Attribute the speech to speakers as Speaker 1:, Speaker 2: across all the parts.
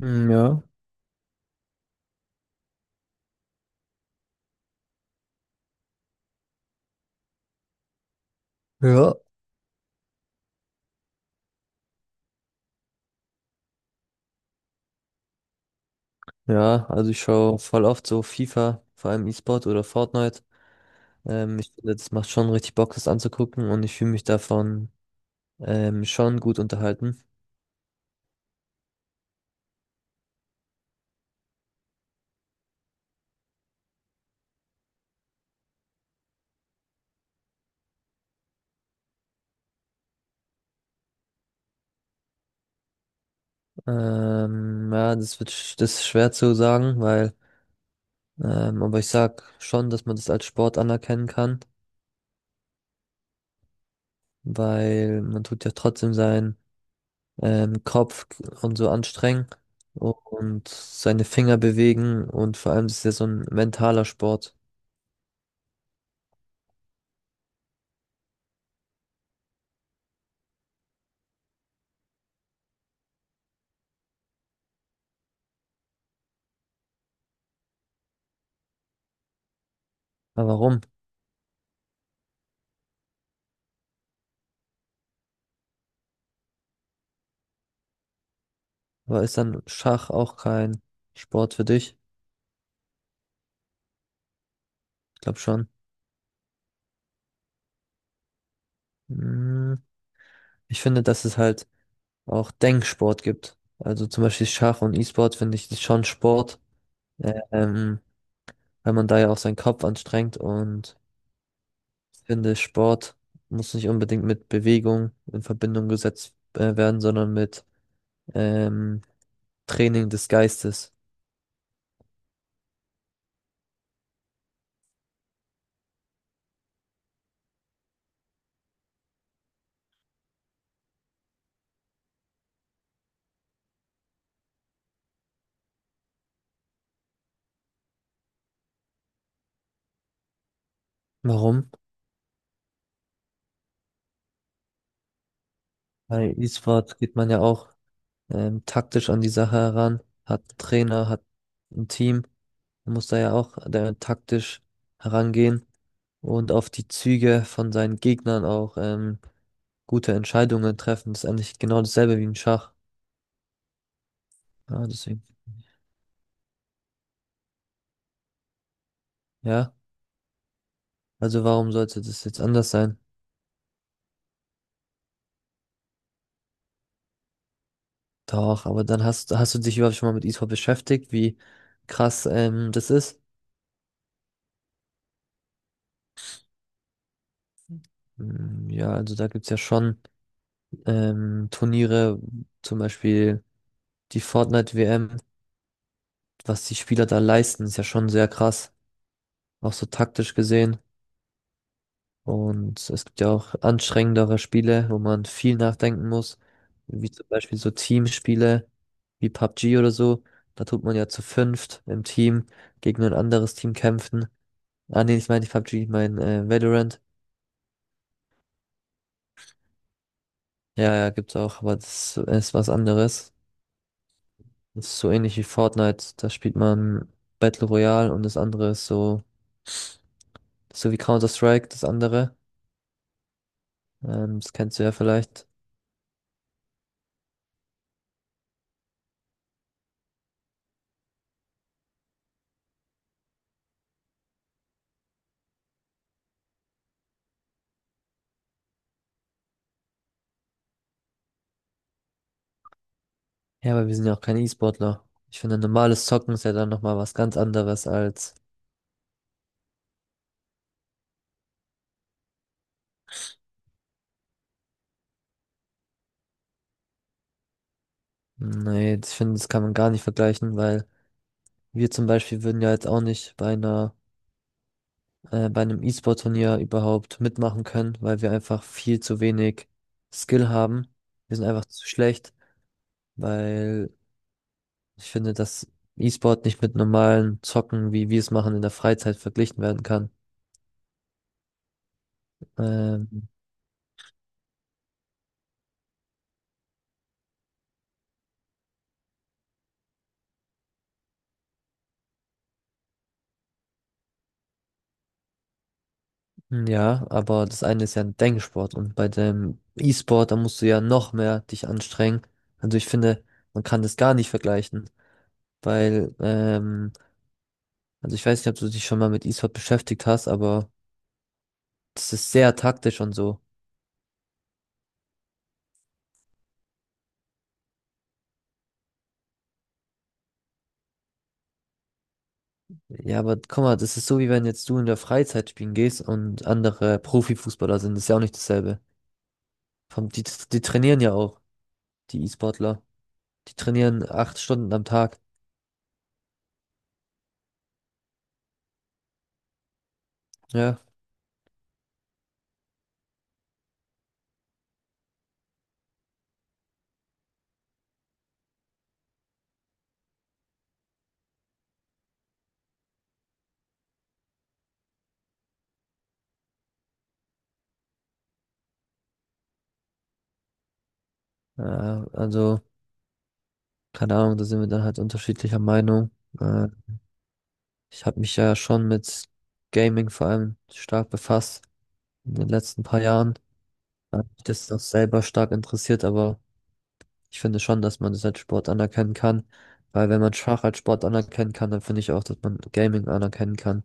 Speaker 1: Mm, ja, ja. Ja, also ich schaue voll oft so FIFA, vor allem E-Sport oder Fortnite. Ich finde, das macht schon richtig Bock, das anzugucken, und ich fühle mich davon schon gut unterhalten. Ja, das wird, das ist schwer zu sagen, weil, aber ich sag schon, dass man das als Sport anerkennen kann, weil man tut ja trotzdem seinen Kopf und so anstrengen und seine Finger bewegen, und vor allem das ist ja so ein mentaler Sport. Aber warum? Aber ist dann Schach auch kein Sport für dich? Ich glaube schon. Hm, ich finde, dass es halt auch Denksport gibt. Also zum Beispiel Schach und E-Sport finde ich ist schon Sport, ähm, weil man da ja auch seinen Kopf anstrengt, und ich finde, Sport muss nicht unbedingt mit Bewegung in Verbindung gesetzt werden, sondern mit ähm, Training des Geistes. Warum? Bei E-Sport geht man ja auch taktisch an die Sache heran, hat einen Trainer, hat ein Team. Man muss da ja auch taktisch herangehen und auf die Züge von seinen Gegnern auch gute Entscheidungen treffen. Das ist eigentlich genau dasselbe wie im Schach. Ja, deswegen, ja. Also warum sollte das jetzt anders sein? Doch, aber dann hast du dich überhaupt schon mal mit Esport beschäftigt, wie krass das ist? Hm, ja, also da gibt's ja schon Turniere, zum Beispiel die Fortnite-WM. Was die Spieler da leisten, ist ja schon sehr krass, auch so taktisch gesehen. Und es gibt ja auch anstrengendere Spiele, wo man viel nachdenken muss, wie zum Beispiel so Teamspiele wie PUBG oder so. Da tut man ja zu fünft im Team gegen ein anderes Team kämpfen. Ah nee, ich meine nicht PUBG, ich meine Valorant. Ja, ja, gibt's auch, aber das ist was anderes. Das ist so ähnlich wie Fortnite. Da spielt man Battle Royale, und das andere ist so, so wie Counter-Strike, das andere. Das kennst du ja vielleicht. Ja, aber wir sind ja auch keine E-Sportler. Ich finde, normales Zocken ist ja dann nochmal was ganz anderes als, nee, ich finde, das kann man gar nicht vergleichen, weil wir zum Beispiel würden ja jetzt auch nicht bei einer, bei einem E-Sport-Turnier überhaupt mitmachen können, weil wir einfach viel zu wenig Skill haben. Wir sind einfach zu schlecht, weil ich finde, dass E-Sport nicht mit normalen Zocken, wie wir es machen, in der Freizeit verglichen werden kann. Ähm, Ja, aber das eine ist ja ein Denksport, und bei dem E-Sport, da musst du ja noch mehr dich anstrengen. Also ich finde, man kann das gar nicht vergleichen, weil, also ich weiß nicht, ob du dich schon mal mit E-Sport beschäftigt hast, aber das ist sehr taktisch und so. Ja, aber guck mal, das ist so, wie wenn jetzt du in der Freizeit spielen gehst und andere Profifußballer sind, das ist ja auch nicht dasselbe. Die, die trainieren ja auch, die E-Sportler. Die trainieren 8 Stunden am Tag. Ja, also. Keine Ahnung, da sind wir dann halt unterschiedlicher Meinung. Äh, Ich habe mich ja schon mit Gaming vor allem stark befasst in den letzten paar Jahren. Mich das ist auch selber stark interessiert, aber ich finde schon, dass man das als Sport anerkennen kann. Weil wenn man Schach als Sport anerkennen kann, dann finde ich auch, dass man Gaming anerkennen kann.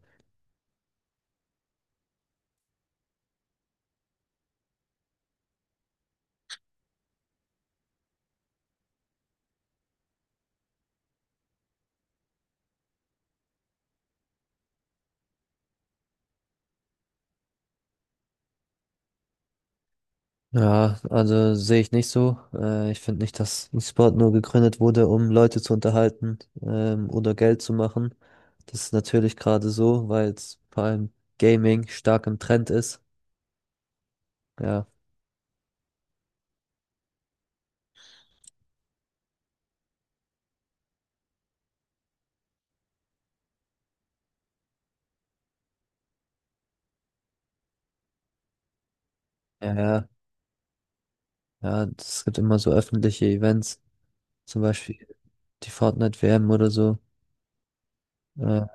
Speaker 1: Ja, also sehe ich nicht so. Ich finde nicht, dass ein Sport nur gegründet wurde, um Leute zu unterhalten, oder Geld zu machen. Das ist natürlich gerade so, weil jetzt vor allem Gaming stark im Trend ist. Ja, ja, ja, ja, es gibt immer so öffentliche Events, zum Beispiel die Fortnite-WM oder so. Äh,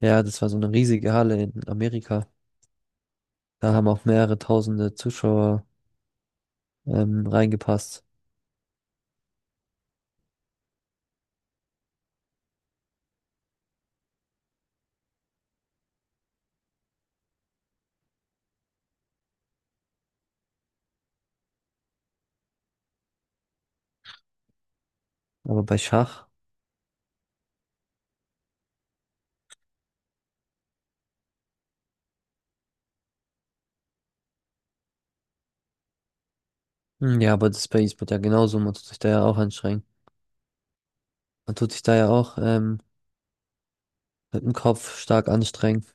Speaker 1: ja, das war so eine riesige Halle in Amerika. Da haben auch mehrere tausende Zuschauer, reingepasst. Aber bei Schach, hm, ja, aber das ist bei E-Sport ja genauso, man tut sich da ja auch anstrengen. Man tut sich da ja auch mit dem Kopf stark anstrengen.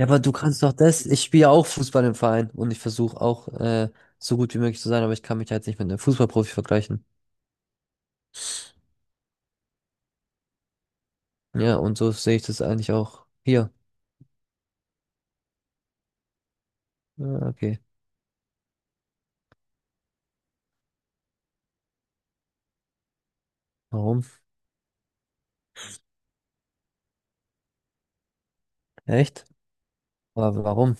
Speaker 1: Ja, aber du kannst doch das. Ich spiele ja auch Fußball im Verein und ich versuche auch so gut wie möglich zu sein, aber ich kann mich halt nicht mit einem Fußballprofi vergleichen. Ja, und so sehe ich das eigentlich auch hier. Ja, okay. Warum? Echt? Aber warum?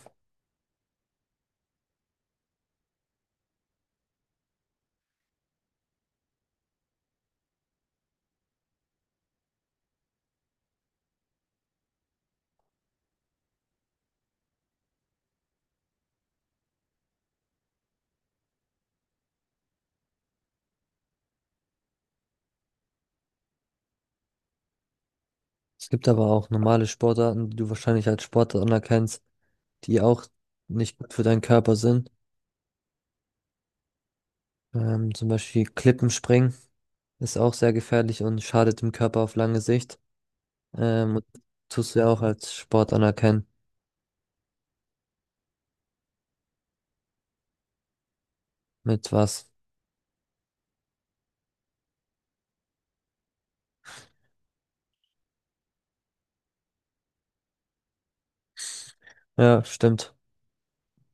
Speaker 1: Es gibt aber auch normale Sportarten, die du wahrscheinlich als Sportart anerkennst, die auch nicht gut für deinen Körper sind. Zum Beispiel Klippenspringen ist auch sehr gefährlich und schadet dem Körper auf lange Sicht. Ähm, Tust du ja auch als Sport anerkennen. Mit was? Ja, stimmt.